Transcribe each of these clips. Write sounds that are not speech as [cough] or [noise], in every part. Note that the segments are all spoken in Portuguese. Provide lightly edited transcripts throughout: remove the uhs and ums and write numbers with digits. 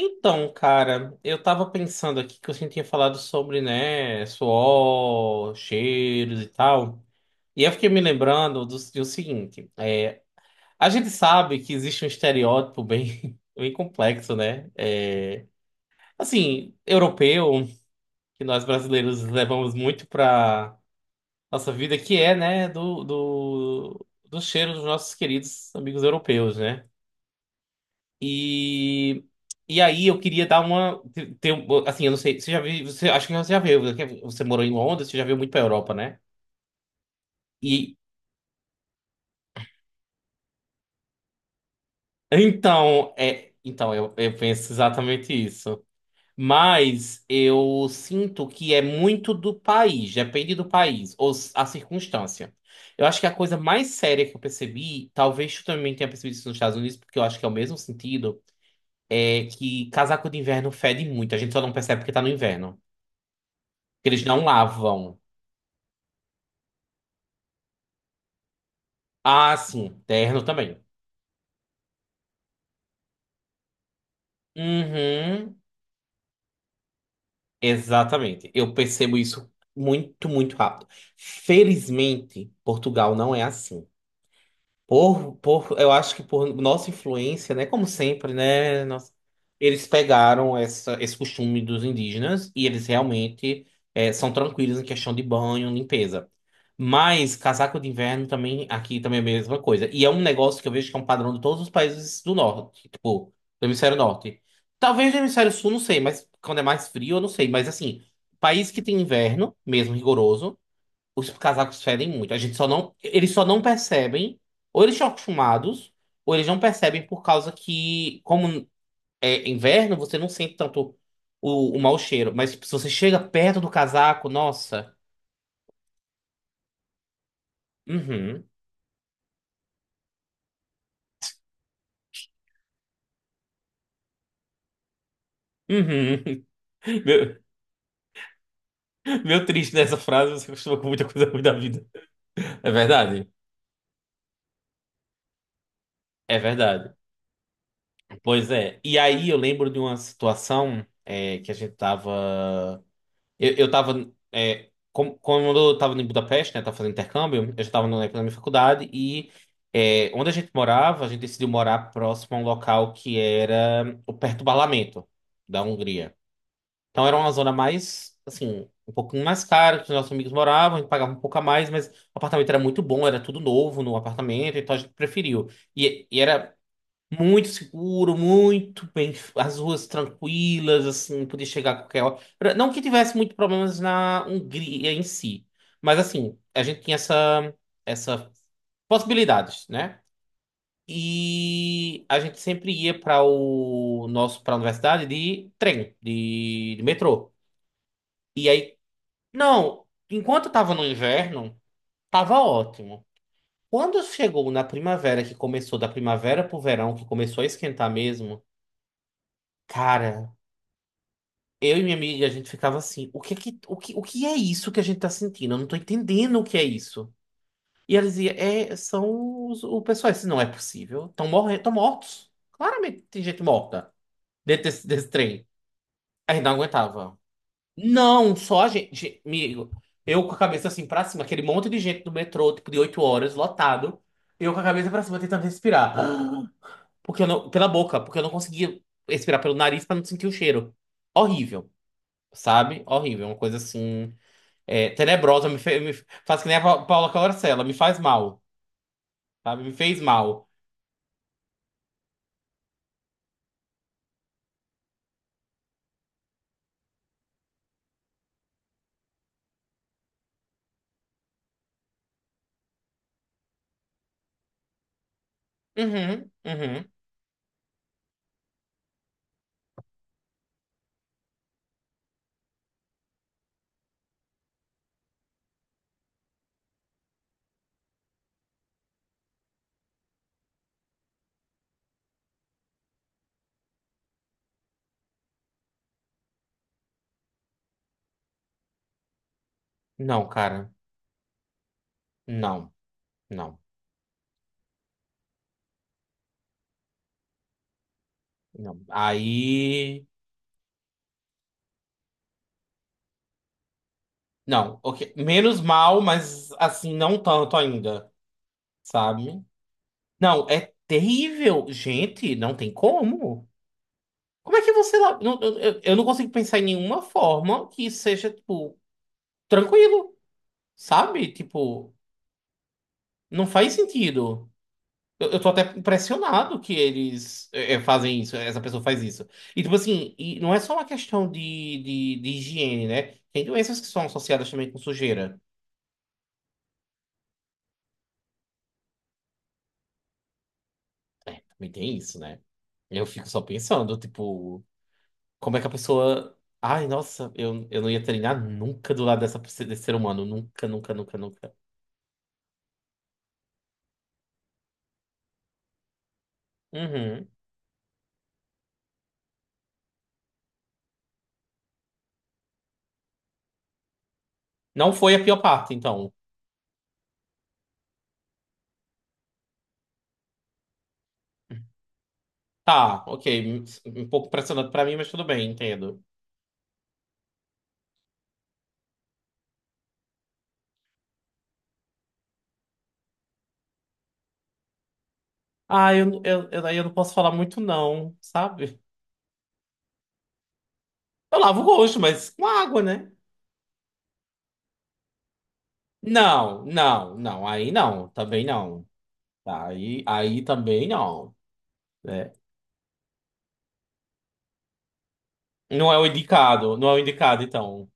Então, cara, eu tava pensando aqui que você tinha falado sobre, né, suor, cheiros e tal. E eu fiquei me lembrando do seguinte, a gente sabe que existe um estereótipo bem, [laughs] bem complexo, né? Assim, europeu, que nós brasileiros levamos muito pra nossa vida, que é, né, do cheiro dos nossos queridos amigos europeus, né? E, e aí eu queria dar uma. Ter, assim, eu não sei. Você já viu. Acho que você já viu. Você morou em Londres, você já viu muito pra Europa, né? E então, então eu penso exatamente isso. Mas eu sinto que é muito do país, depende do país, ou a circunstância. Eu acho que a coisa mais séria que eu percebi, talvez tu também tenha percebido isso nos Estados Unidos, porque eu acho que é o mesmo sentido, é que casaco de inverno fede muito. A gente só não percebe porque tá no inverno. Porque eles não lavam. Ah, sim, terno também. Uhum, exatamente. Eu percebo isso muito, muito rápido. Felizmente, Portugal não é assim. Eu acho que por nossa influência, né? Como sempre, né? Eles pegaram esse costume dos indígenas e eles realmente são tranquilos em questão de banho, limpeza. Mas casaco de inverno também, aqui também é a mesma coisa. E é um negócio que eu vejo que é um padrão de todos os países do norte, tipo, do hemisfério norte. Talvez do hemisfério sul, não sei, mas quando é mais frio, eu não sei. Mas assim, país que tem inverno, mesmo rigoroso. Os casacos fedem muito. A gente só não, eles só não percebem, ou eles estão acostumados, ou eles não percebem por causa que, como é inverno, você não sente tanto o mau cheiro. Mas tipo, se você chega perto do casaco, nossa. Uhum. Uhum. [laughs] Meu, meu triste nessa frase, você acostuma com muita coisa ruim da vida. É verdade? É verdade. Pois é. E aí eu lembro de uma situação que a gente tava. Eu tava. Quando eu tava em Budapeste, né? Tava fazendo intercâmbio, eu já tava na época da minha faculdade e onde a gente morava, a gente decidiu morar próximo a um local que era o perto do parlamento da Hungria. Então era uma zona mais, assim, um pouquinho mais cara que os nossos amigos moravam, a gente pagava um pouco a mais, mas o apartamento era muito bom, era tudo novo no apartamento, então a gente preferiu. E era muito seguro, muito bem, as ruas tranquilas, assim, podia chegar a qualquer hora. Não que tivesse muito problemas na Hungria em si, mas assim, a gente tinha essa possibilidades, né? E a gente sempre ia para o nosso para a universidade de trem, de metrô. E aí, não, enquanto eu tava no inverno, tava ótimo. Quando chegou na primavera, que começou da primavera pro verão, que começou a esquentar mesmo, cara. Eu e minha amiga, a gente ficava assim, o que é isso que a gente tá sentindo? Eu não tô entendendo o que é isso. E ela dizia, o pessoal, isso não é possível. Estão morrendo, estão mortos. Claramente tem gente morta dentro desse trem. A gente não aguentava. Não, só a gente, gente, amigo. Eu com a cabeça assim pra cima, aquele monte de gente do metrô, tipo de oito horas, lotado. Eu com a cabeça pra cima tentando respirar. Porque eu não, pela boca, porque eu não conseguia respirar pelo nariz pra não sentir o cheiro. Horrível. Sabe? Horrível. Uma coisa assim. É, tenebrosa, me faz que nem a Paula Carosella, me faz mal, sabe? Me fez mal. Uhum, uhum. Não, cara. Não, não, não. Aí. Não, ok. Menos mal, mas assim, não tanto ainda, sabe? Não, é terrível. Gente, não tem como. Como é que você. Eu não consigo pensar em nenhuma forma que seja, tipo, tranquilo, sabe? Tipo, não faz sentido. Eu tô até impressionado que eles fazem isso, essa pessoa faz isso. E, tipo assim, e não é só uma questão de higiene, né? Tem doenças que são associadas também com sujeira. É, também tem isso, né? Eu fico só pensando, tipo, como é que a pessoa. Ai, nossa, eu não ia treinar nunca do lado desse ser humano. Nunca, nunca, nunca, nunca. Uhum. Não foi a pior parte, então. Tá, ok. Um um pouco impressionante pra mim, mas tudo bem, entendo. Eu, daí eu não posso falar muito, não, sabe? Eu lavo o rosto, mas com água, né? Não, não, não. Aí não, também não. Tá, Aí, aí também não. né? Não é o indicado, não é o indicado, então.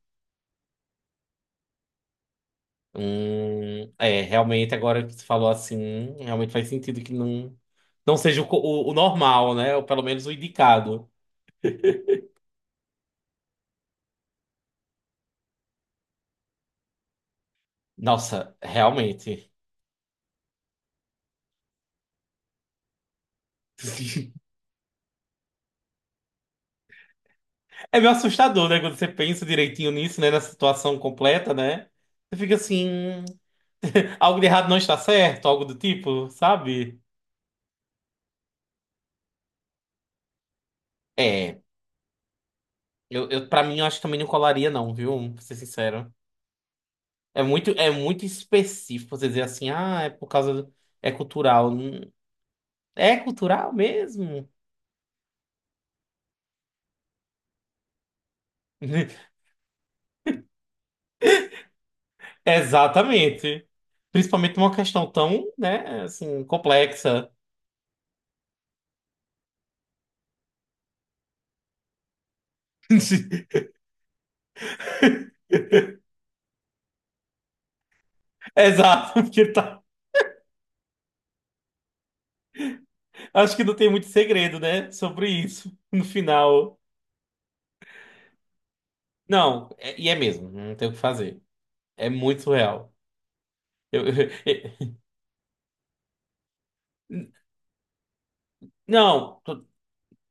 É, realmente, agora que você falou assim, realmente faz sentido que não, não seja o normal, né? Ou pelo menos o indicado. Nossa, realmente. [laughs] É meio assustador, né? Quando você pensa direitinho nisso, né? Na situação completa, né? Você fica assim, algo de errado não está certo, algo do tipo, sabe? É, eu para mim eu acho que também não colaria não, viu? Pra ser sincero. É muito específico você dizer assim, ah, é por causa é cultural. É cultural mesmo? [laughs] Exatamente. Principalmente uma questão tão, né, assim, complexa. [laughs] Exato, porque tá, acho que não tem muito segredo, né, sobre isso no final. Não, e é mesmo, não tem o que fazer. É muito surreal. Eu- [laughs] não,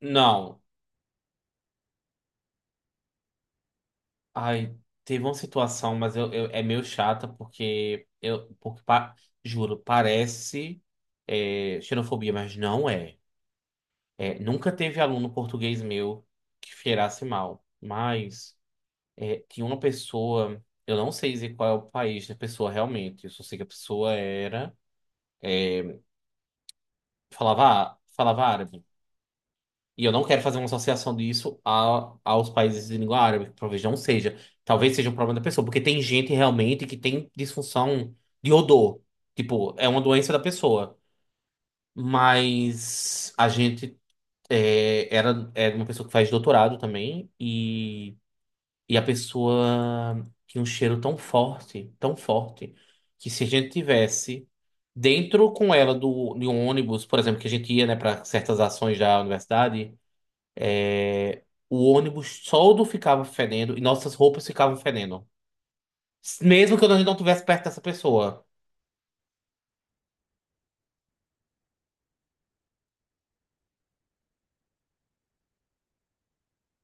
não. Ai, teve uma situação, mas é meio chata porque juro, parece xenofobia, mas não é. É, nunca teve aluno português meu que cheirasse mal, mas é, tinha uma pessoa, eu não sei dizer qual é o país da pessoa realmente, eu só sei que a pessoa era falava falava árabe. E eu não quero fazer uma associação disso a, aos países de língua árabe, que talvez não seja. Talvez seja um problema da pessoa, porque tem gente realmente que tem disfunção de odor. Tipo, é uma doença da pessoa. Mas a gente era uma pessoa que faz doutorado também, e a pessoa tinha um cheiro tão forte, que se a gente tivesse dentro com ela de um ônibus, por exemplo, que a gente ia, né, para certas ações da universidade. O ônibus todo ficava fedendo e nossas roupas ficavam fedendo. Mesmo que a gente não estivesse perto dessa pessoa.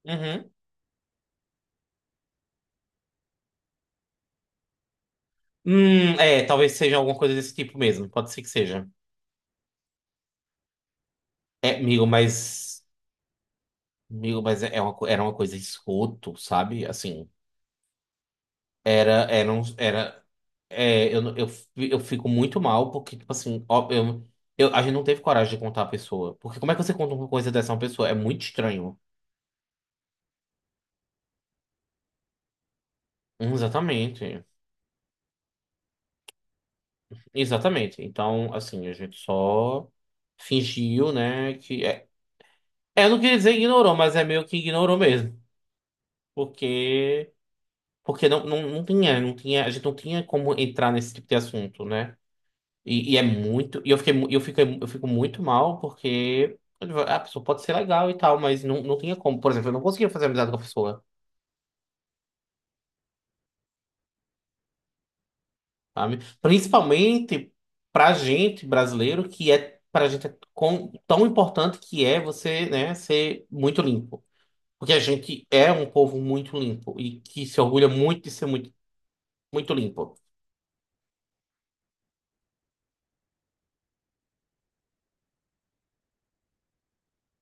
Uhum. É, talvez seja alguma coisa desse tipo mesmo. Pode ser que seja. É, amigo, mas. Amigo, mas é uma, era uma coisa esgoto, sabe? Assim, era, é, eu, não- eu, fi- eu fico muito mal porque, tipo assim, ó, a gente não teve coragem de contar a pessoa. Porque como é que você conta uma coisa dessa a uma pessoa? É muito estranho. Exatamente. Exatamente. Então, assim, a gente só fingiu, né, que... É, é, eu não queria dizer ignorou, mas é meio que ignorou mesmo. Porque... Porque não tinha, não tinha... A gente não tinha como entrar nesse tipo de assunto, né? E é muito... E eu fiquei, eu fico muito mal porque... A pessoa pode ser legal e tal, mas não, não tinha como. Por exemplo, eu não conseguia fazer amizade com a pessoa, sabe? Principalmente pra gente, brasileiro, Pra gente tão importante que é você, né, ser muito limpo. Porque a gente é um povo muito limpo e que se orgulha muito de ser muito, muito limpo.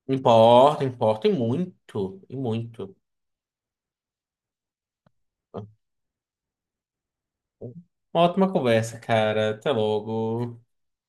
Importa, importa e muito, e muito. Uma ótima conversa, cara. Até logo.